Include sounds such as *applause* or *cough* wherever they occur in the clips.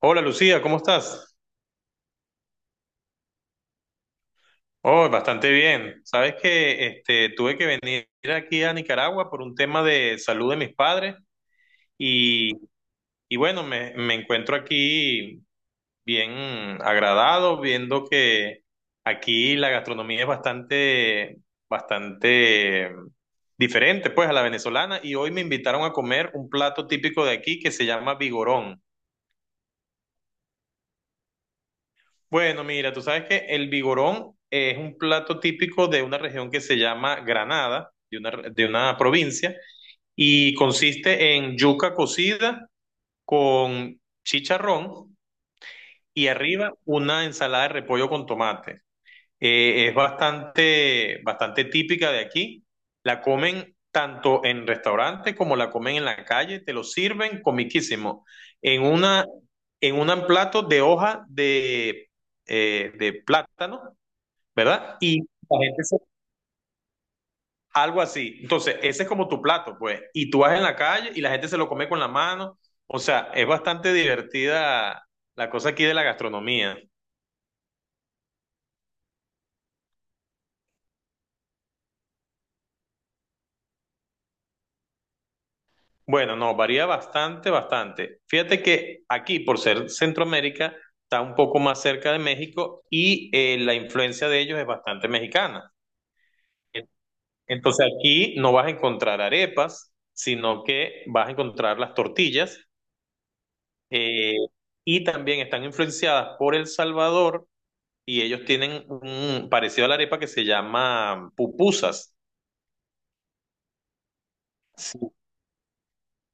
Hola Lucía, ¿cómo estás? Oh, bastante bien. Sabes que este, tuve que venir aquí a Nicaragua por un tema de salud de mis padres y, y bueno, me encuentro aquí bien agradado viendo que aquí la gastronomía es bastante diferente pues a la venezolana, y hoy me invitaron a comer un plato típico de aquí que se llama vigorón. Bueno, mira, tú sabes que el vigorón es un plato típico de una región que se llama Granada, de una provincia, y consiste en yuca cocida con chicharrón, y arriba una ensalada de repollo con tomate. Es bastante típica de aquí. La comen tanto en restaurantes como la comen en la calle. Te lo sirven comiquísimo. En una, en un plato de hoja de plátano, ¿verdad? Y la gente se- algo así. Entonces, ese es como tu plato, pues. Y tú vas en la calle y la gente se lo come con la mano. O sea, es bastante divertida la cosa aquí de la gastronomía. Bueno, no, varía bastante. Fíjate que aquí, por ser Centroamérica, está un poco más cerca de México, y la influencia de ellos es bastante mexicana. En- Entonces aquí no vas a encontrar arepas, sino que vas a encontrar las tortillas, eh, y también están influenciadas por El Salvador, y ellos tienen un parecido a la arepa que se llama pupusas. Si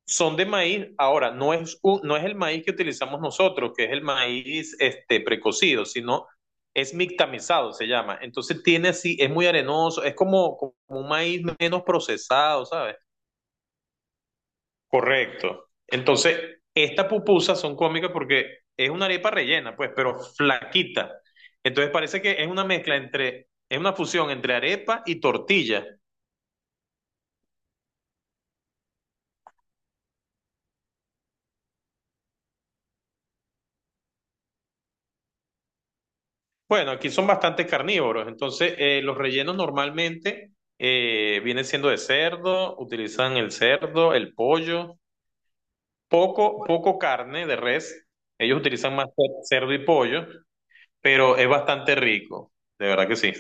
son de maíz, ahora no es, no es el maíz que utilizamos nosotros, que es el maíz este, precocido, sino es mictamizado, se llama. Entonces tiene así, es muy arenoso, es como, como un maíz menos procesado, ¿sabes? Correcto. Entonces, estas pupusas son cómicas porque es una arepa rellena, pues, pero flaquita. Entonces parece que es una mezcla entre, es una fusión entre arepa y tortilla. Bueno, aquí son bastante carnívoros, entonces los rellenos normalmente vienen siendo de cerdo, utilizan el cerdo, el pollo, poco carne de res, ellos utilizan más cerdo y pollo, pero es bastante rico, de verdad que sí.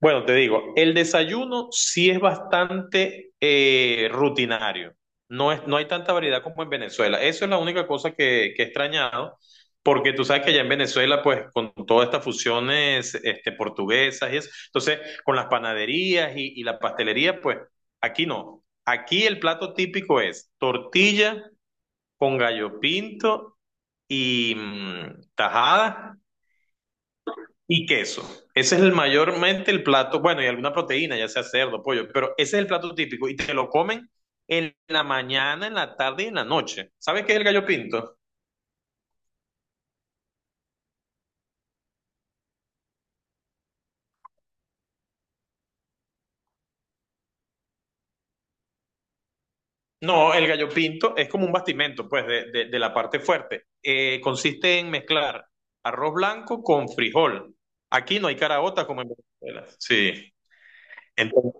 Bueno, te digo, el desayuno sí es bastante rutinario. No es, no hay tanta variedad como en Venezuela. Eso es la única cosa que he extrañado, porque tú sabes que allá en Venezuela, pues, con todas estas fusiones este, portuguesas y eso, entonces, con las panaderías y la pastelería, pues, aquí no. Aquí el plato típico es tortilla con gallo pinto y mm, tajada y queso. Ese es el mayormente el plato, bueno, y alguna proteína, ya sea cerdo, pollo, pero ese es el plato típico y te lo comen en la mañana, en la tarde y en la noche. ¿Sabes qué es el gallo pinto? No, el gallo pinto es como un bastimento, pues, de la parte fuerte. Consiste en mezclar arroz blanco con frijol. Aquí no hay caraota como en Venezuela. Sí. Entonces,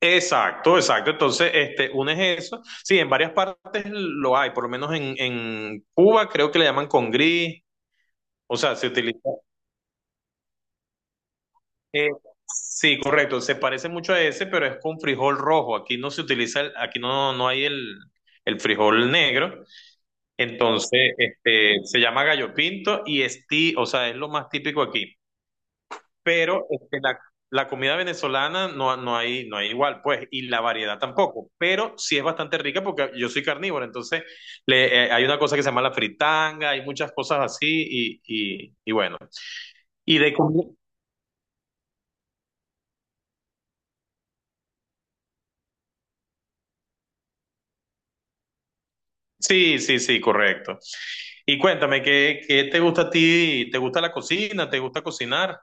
exacto, exacto. Entonces, este, unes eso. Sí, en varias partes lo hay, por lo menos en Cuba creo que le llaman con... O sea, se utiliza. eh, sí, correcto. Se parece mucho a ese, pero es con frijol rojo. Aquí no se utiliza, aquí no, no hay el frijol negro. Entonces, este, se llama gallo pinto y es ti, o sea, es lo más típico aquí. Pero este, la comida venezolana no, no hay, no hay igual, pues, y la variedad tampoco. Pero sí es bastante rica porque yo soy carnívoro, entonces hay una cosa que se llama la fritanga, hay muchas cosas así y bueno. Y de comida. Sí, sí, sí, correcto. Y cuéntame, ¿qué te gusta a ti? ¿Te gusta la cocina? ¿Te gusta cocinar?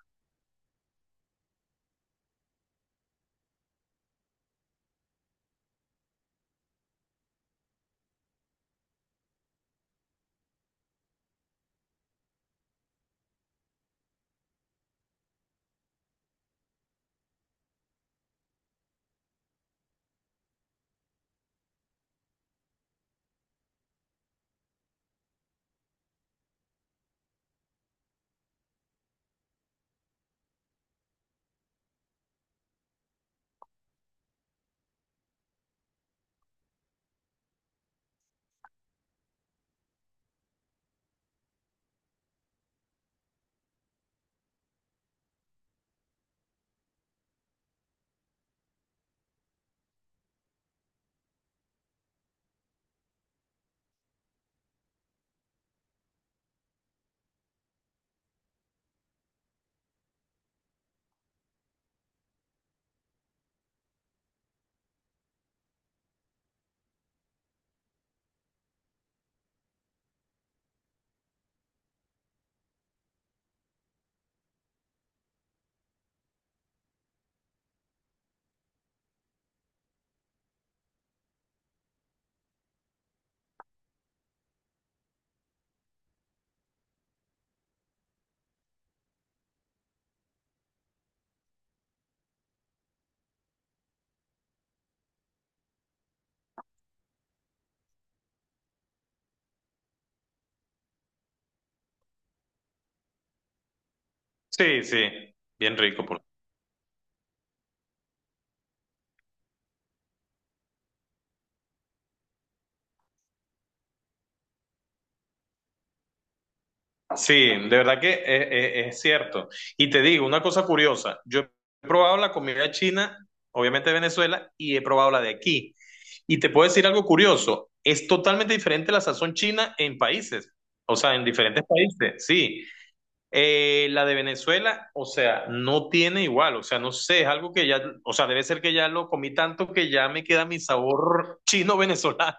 Sí, sí, bien rico. Sí, de verdad que es cierto. Y te digo una cosa curiosa, yo he probado la comida china, obviamente de Venezuela, y he probado la de aquí. Y te puedo decir algo curioso, es totalmente diferente la sazón china en países, o sea, en diferentes países, sí. La de Venezuela, o sea, no tiene igual, o sea, no sé, es algo que ya, o sea, debe ser que ya lo comí tanto que ya me queda mi sabor *laughs* chino-venezolano,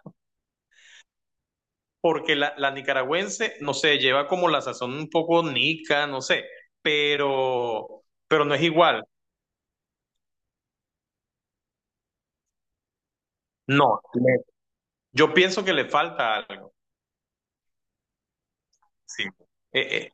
porque la nicaragüense, no sé, lleva como la sazón un poco nica, no sé, pero, pero no es igual, no, yo pienso que le falta algo, sí, Eh, eh,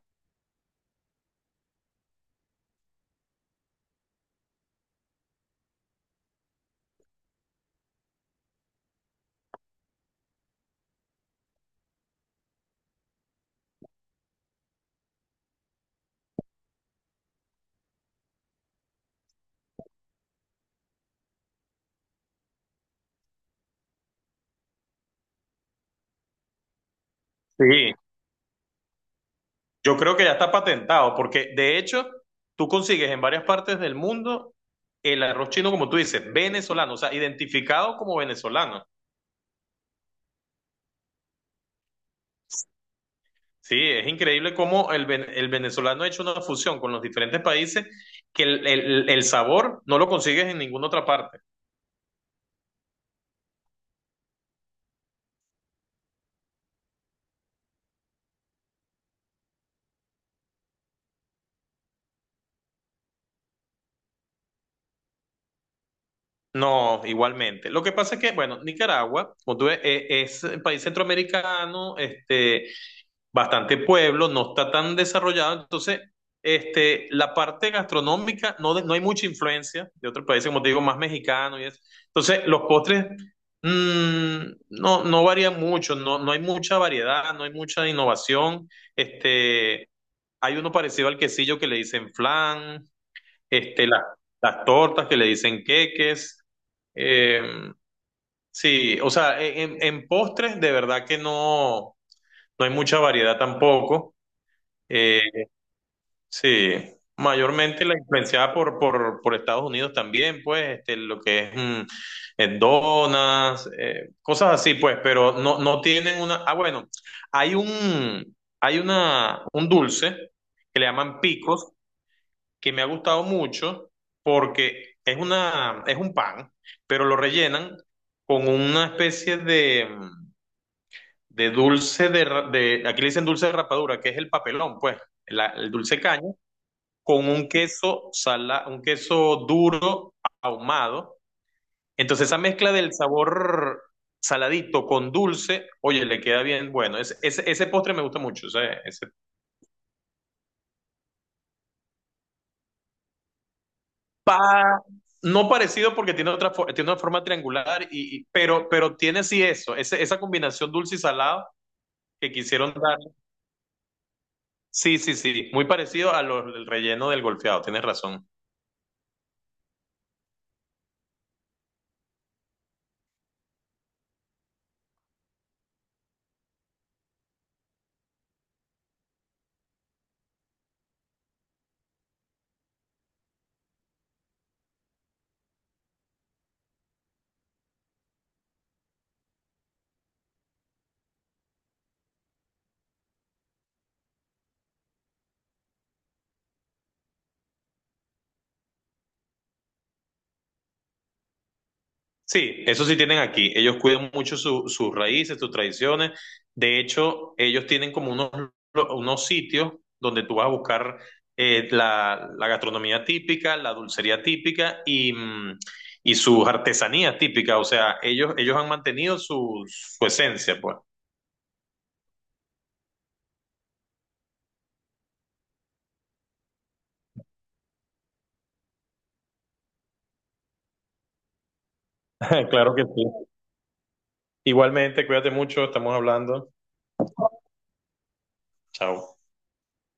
sí, yo creo que ya está patentado, porque de hecho tú consigues en varias partes del mundo el arroz chino, como tú dices, venezolano, o sea, identificado como venezolano. Sí, es increíble cómo el venezolano ha hecho una fusión con los diferentes países, que el sabor no lo consigues en ninguna otra parte. No, igualmente. Lo que pasa es que, bueno, Nicaragua, como tú ves, es un país centroamericano, este, bastante pueblo, no está tan desarrollado, entonces este, la parte gastronómica no, no hay mucha influencia de otros países, como te digo, más mexicano y eso. Entonces los postres mm, no, no varían mucho, no, no hay mucha variedad, no hay mucha innovación. Este, hay uno parecido al quesillo que le dicen flan, este, las tortas que le dicen queques. Eh, sí, o sea, en postres de verdad que no, no hay mucha variedad tampoco. Eh, sí, mayormente la influenciada por, por Estados Unidos también, pues, este, lo que es mm, donas, cosas así, pues, pero no, no tienen una... Ah, bueno, hay una, un dulce que le llaman picos, que me ha gustado mucho porque es una, es un pan, pero lo rellenan con una especie de dulce de, de... Aquí le dicen dulce de rapadura, que es el papelón, pues, el dulce caña con un queso sala, un queso duro ahumado. Entonces esa mezcla del sabor saladito con dulce, oye, le queda bien bueno. Ese postre me gusta mucho. Ese pa- no parecido porque tiene otra tiene una forma triangular, pero tiene sí eso, esa combinación dulce y salado que quisieron dar. Sí, sí, sí, muy parecido a los, el relleno del golfeado, tienes razón. Sí, eso sí tienen aquí. Ellos cuidan mucho sus raíces, sus tradiciones. De hecho, ellos tienen como unos, unos sitios donde tú vas a buscar la gastronomía típica, la dulcería típica y, mm, y sus artesanías típicas. O sea, ellos han mantenido su esencia, pues. *laughs* Claro que sí. Igualmente, cuídate mucho, estamos hablando. Chao.